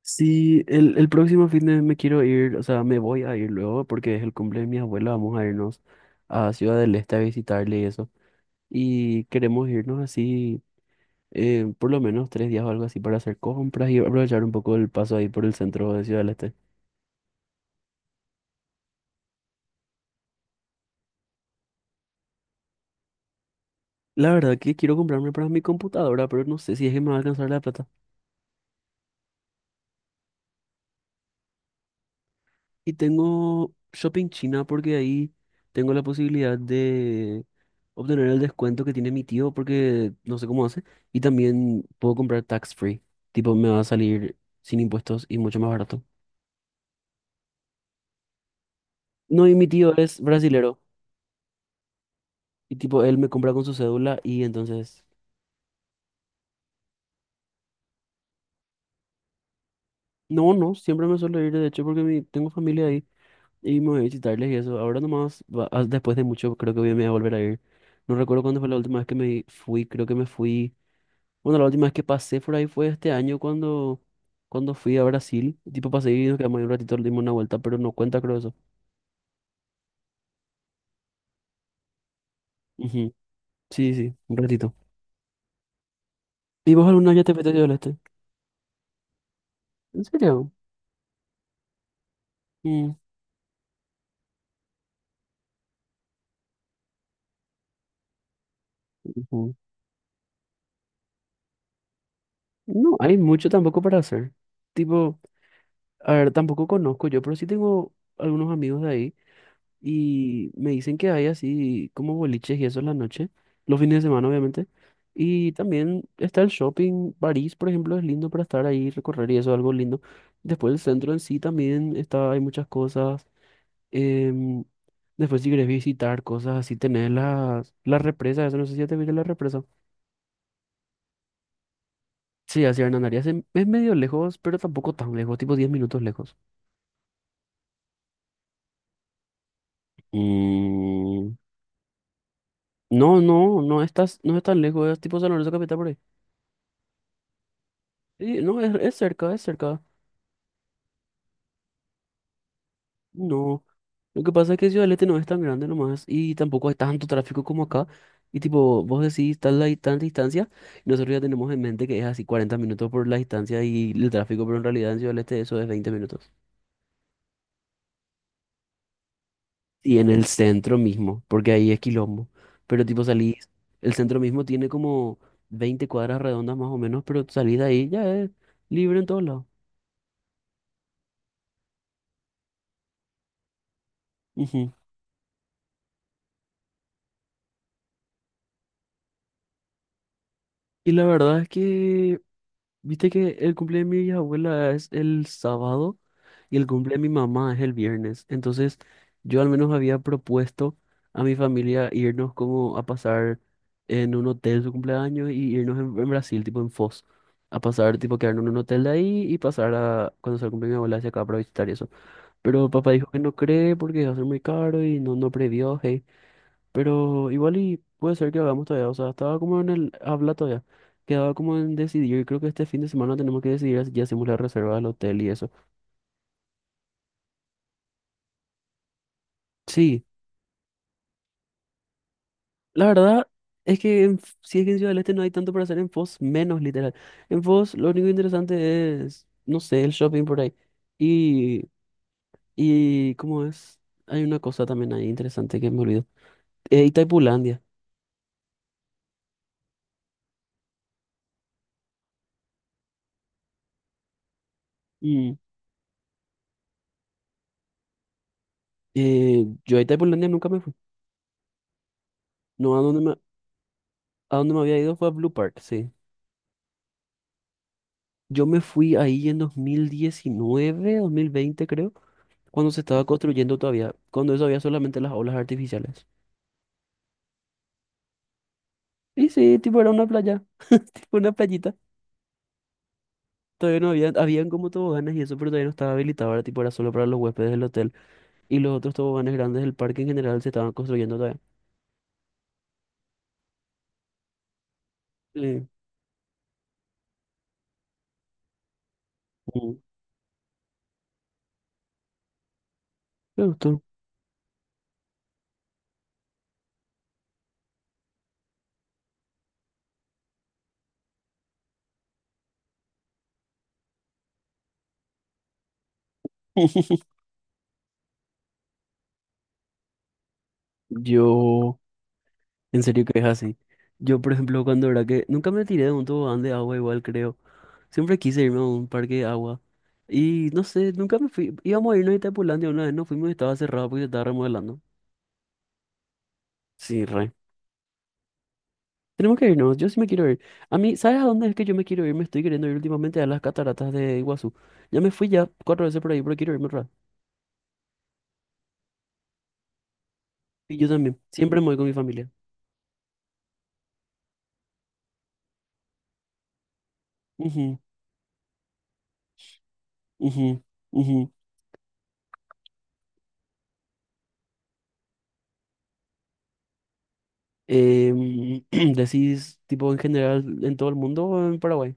Sí, el próximo fin de me quiero ir. O sea, me voy a ir luego porque es el cumple de mi abuela, vamos a irnos a Ciudad del Este a visitarle y eso. Y queremos irnos así, por lo menos 3 días o algo así para hacer compras y aprovechar un poco el paso ahí por el centro de Ciudad del Este. La verdad que quiero comprarme para mi computadora, pero no sé si es que me va a alcanzar la plata. Y tengo Shopping China porque ahí tengo la posibilidad de obtener el descuento que tiene mi tío porque no sé cómo hace. Y también puedo comprar tax free. Tipo, me va a salir sin impuestos y mucho más barato. No, y mi tío es brasilero. Y tipo, él me compra con su cédula y entonces... No, no, siempre me suelo ir, de hecho, porque tengo familia ahí y me voy a visitarles y eso. Ahora nomás, después de mucho, creo que me voy a volver a ir. No recuerdo cuándo fue la última vez que me fui, creo que me fui. Bueno, la última vez que pasé por ahí fue este año cuando, cuando fui a Brasil. Tipo, pasé y nos quedamos ahí un ratito, le dimos una vuelta, pero no cuenta, creo eso. Ujú. Sí, sí, un ratito. ¿Y vos alguna vez ya te fuiste a Este? ¿En serio? Mm. Ujú. No, hay mucho tampoco para hacer. Tipo, a ver, tampoco conozco yo, pero sí tengo algunos amigos de ahí. Y me dicen que hay así como boliches y eso en la noche, los fines de semana obviamente. Y también está el shopping, París, por ejemplo, es lindo para estar ahí, recorrer y eso, algo lindo. Después el centro en sí también está, hay muchas cosas. em, después si querés visitar cosas así, tenés las represas, eso no sé si ya te viste la represa. Sí, hacia Hernandarias es medio lejos, pero tampoco tan lejos, tipo 10 minutos lejos. Mm, No, no, no es tan lejos, es tipo San Lorenzo Capital por ahí. Sí, no, es cerca, es cerca. No, lo que pasa es que Ciudad del Este no es tan grande nomás y tampoco hay tanto tráfico como acá. Y tipo, vos decís tal tanta distancia, y nosotros ya tenemos en mente que es así 40 minutos por la distancia y el tráfico, pero en realidad en Ciudad del Este eso es 20 minutos. Y en el centro mismo, porque ahí es quilombo. Pero tipo salís, el centro mismo tiene como 20 cuadras redondas más o menos, pero salís de ahí ya es libre en todos lados. Ujú. Y la verdad es que, viste que el cumpleaños de mi abuela es el sábado. Y el cumple de mi mamá es el viernes. Entonces, yo al menos había propuesto a mi familia irnos como a pasar en un hotel su cumpleaños y irnos en, Brasil, tipo en Foz. A pasar, tipo, quedarnos en un hotel de ahí y pasar a cuando se el cumple de mi abuela hacia acá para visitar y eso. Pero papá dijo que no cree porque va a ser muy caro y no previó, hey. Pero igual y puede ser que hagamos todavía. O sea, estaba como en el habla todavía. Quedaba como en decidir. Creo que este fin de semana tenemos que decidir si ya hacemos la reserva del hotel y eso. Sí. La verdad es que si es que en Ciudad del Este no hay tanto para hacer en Foz, menos literal. En Foz lo único interesante es, no sé, el shopping por ahí. Y, y ¿cómo es? Hay una cosa también ahí interesante que me olvidó. Itaipulandia. Mm. Yo a Itaipulandia nunca me fui. No, a donde me había ido fue a Blue Park, sí. Yo me fui ahí en 2019 2020 creo, cuando se estaba construyendo todavía, cuando eso había solamente las olas artificiales. Y sí, tipo era una playa, tipo una playita. Todavía no había, habían como toboganes y eso, pero todavía no estaba habilitado, ahora tipo era solo para los huéspedes del hotel. Y los otros toboganes grandes del parque en general se estaban construyendo todavía. Sí. Mm. Me gustó. Yo, en serio que es así. Yo, por ejemplo, cuando era que nunca me tiré de un tobogán de agua, igual creo. Siempre quise irme a un parque de agua. Y no sé, nunca me fui. Íbamos a irnos a Itapulandia una vez, no fuimos y estaba cerrado porque se estaba remodelando. Sí, re. Tenemos que irnos, yo sí me quiero ir. A mí, ¿sabes a dónde es que yo me quiero ir? Me estoy queriendo ir últimamente a las cataratas de Iguazú. Ya me fui ya cuatro veces por ahí, pero quiero irme otra vez. Y yo también, siempre me voy con mi familia. Ujú, ujú, ujú. Em, Decís, tipo, en general, en todo el mundo o en Paraguay.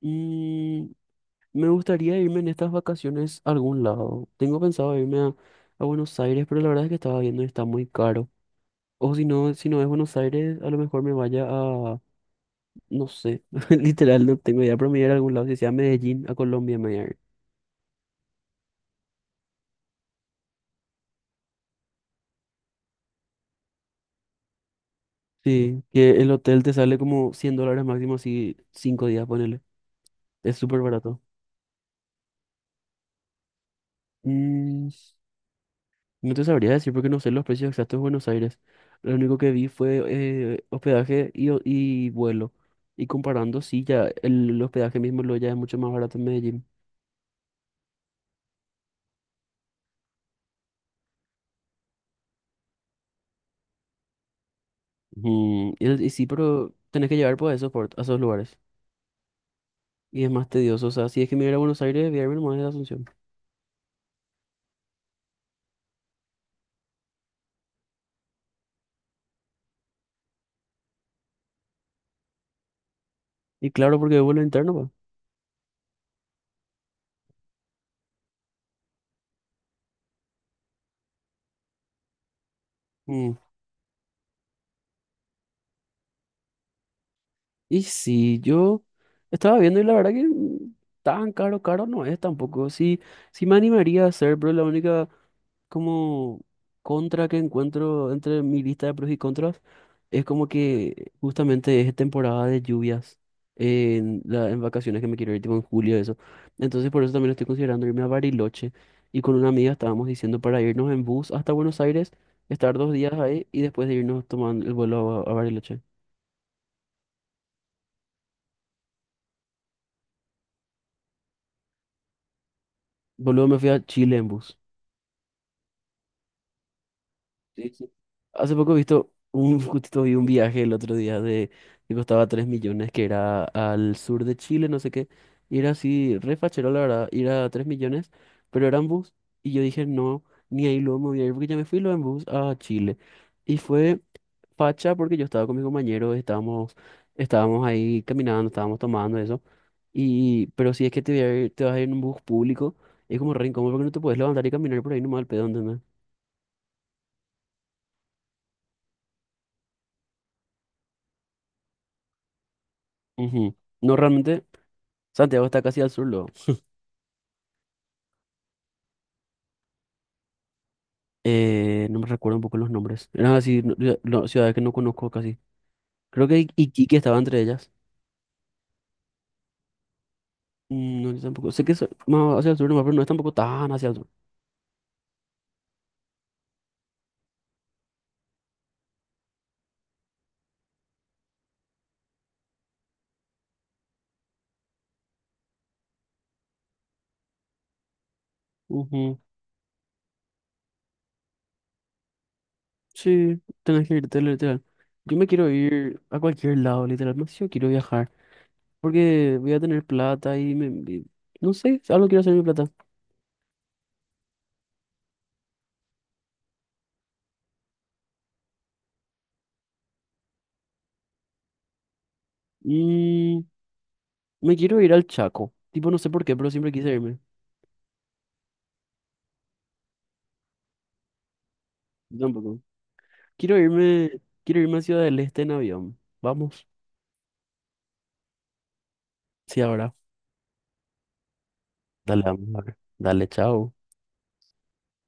Mm, me gustaría irme en estas vacaciones a algún lado. Tengo pensado irme a, Buenos Aires, pero la verdad es que estaba viendo y está muy caro. O si no es Buenos Aires, a lo mejor me vaya a... No sé, literal no tengo idea, pero me voy a ir a algún lado, si sea a Medellín, a Colombia me voy a ir. Sí, que el hotel te sale como 100 dólares máximo, así 5 días, ponele. Es súper barato. Mm, no te sabría decir porque no sé los precios exactos de Buenos Aires. Lo único que vi fue hospedaje y vuelo. Y comparando, sí, ya el hospedaje mismo lo ya es mucho más barato en Medellín. Ujú. Y sí, pero tenés que llevar por eso, a esos lugares. Y es más tedioso, o sea, si es que me voy a ir a Buenos Aires, voy a irme nomás de Asunción. Y claro, porque es vuelo interno, pues. Mm, Y sí, yo estaba viendo y la verdad que tan caro, caro no es tampoco. Sí, sí me animaría a hacer, pero la única como contra que encuentro entre mi lista de pros y contras es como que justamente es temporada de lluvias en, la, en vacaciones que me quiero ir, tipo en julio, eso. Entonces por eso también estoy considerando irme a Bariloche. Y con una amiga estábamos diciendo para irnos en bus hasta Buenos Aires, estar 2 días ahí y después de irnos tomando el vuelo a Bariloche. Boludo, me fui a Chile en bus. Sí, sí. Hace poco he visto justito vi un viaje el otro día de que costaba 3 millones, que era al sur de Chile, no sé qué. Y era así, re fachero, la verdad, ir a 3 millones, pero era en bus. Y yo dije, no, ni ahí luego me voy a ir porque ya me fui luego en bus a Chile. Y fue facha porque yo estaba con mi compañero, estábamos ahí caminando, estábamos tomando eso. Y, pero si es que te vas a ir en un bus público, es como re incómodo porque no te puedes levantar y caminar por ahí nomás al pedo, ¿entendés? Ujú. No, realmente, Santiago está casi al sur, luego. No me recuerdo un poco los nombres. Eran así, no, ciudades que no conozco casi. Creo que Iquique estaba entre ellas. No, yo tampoco. Sé que es más hacia el sur, nomás, pero no es tampoco tan hacia el sur. Ujú. Sí, tenés que irte, literal. Yo me quiero ir a cualquier lado, literal. No sé si yo quiero viajar, porque voy a tener plata y- no sé, algo quiero hacer con mi plata. Mm, me quiero ir al Chaco. Tipo, no sé por qué, pero siempre quise irme. Yo tampoco. Quiero irme, quiero irme a Ciudad del Este en avión. Vamos. Sí, ahora. Dale, vamos a ver. Dale, chao.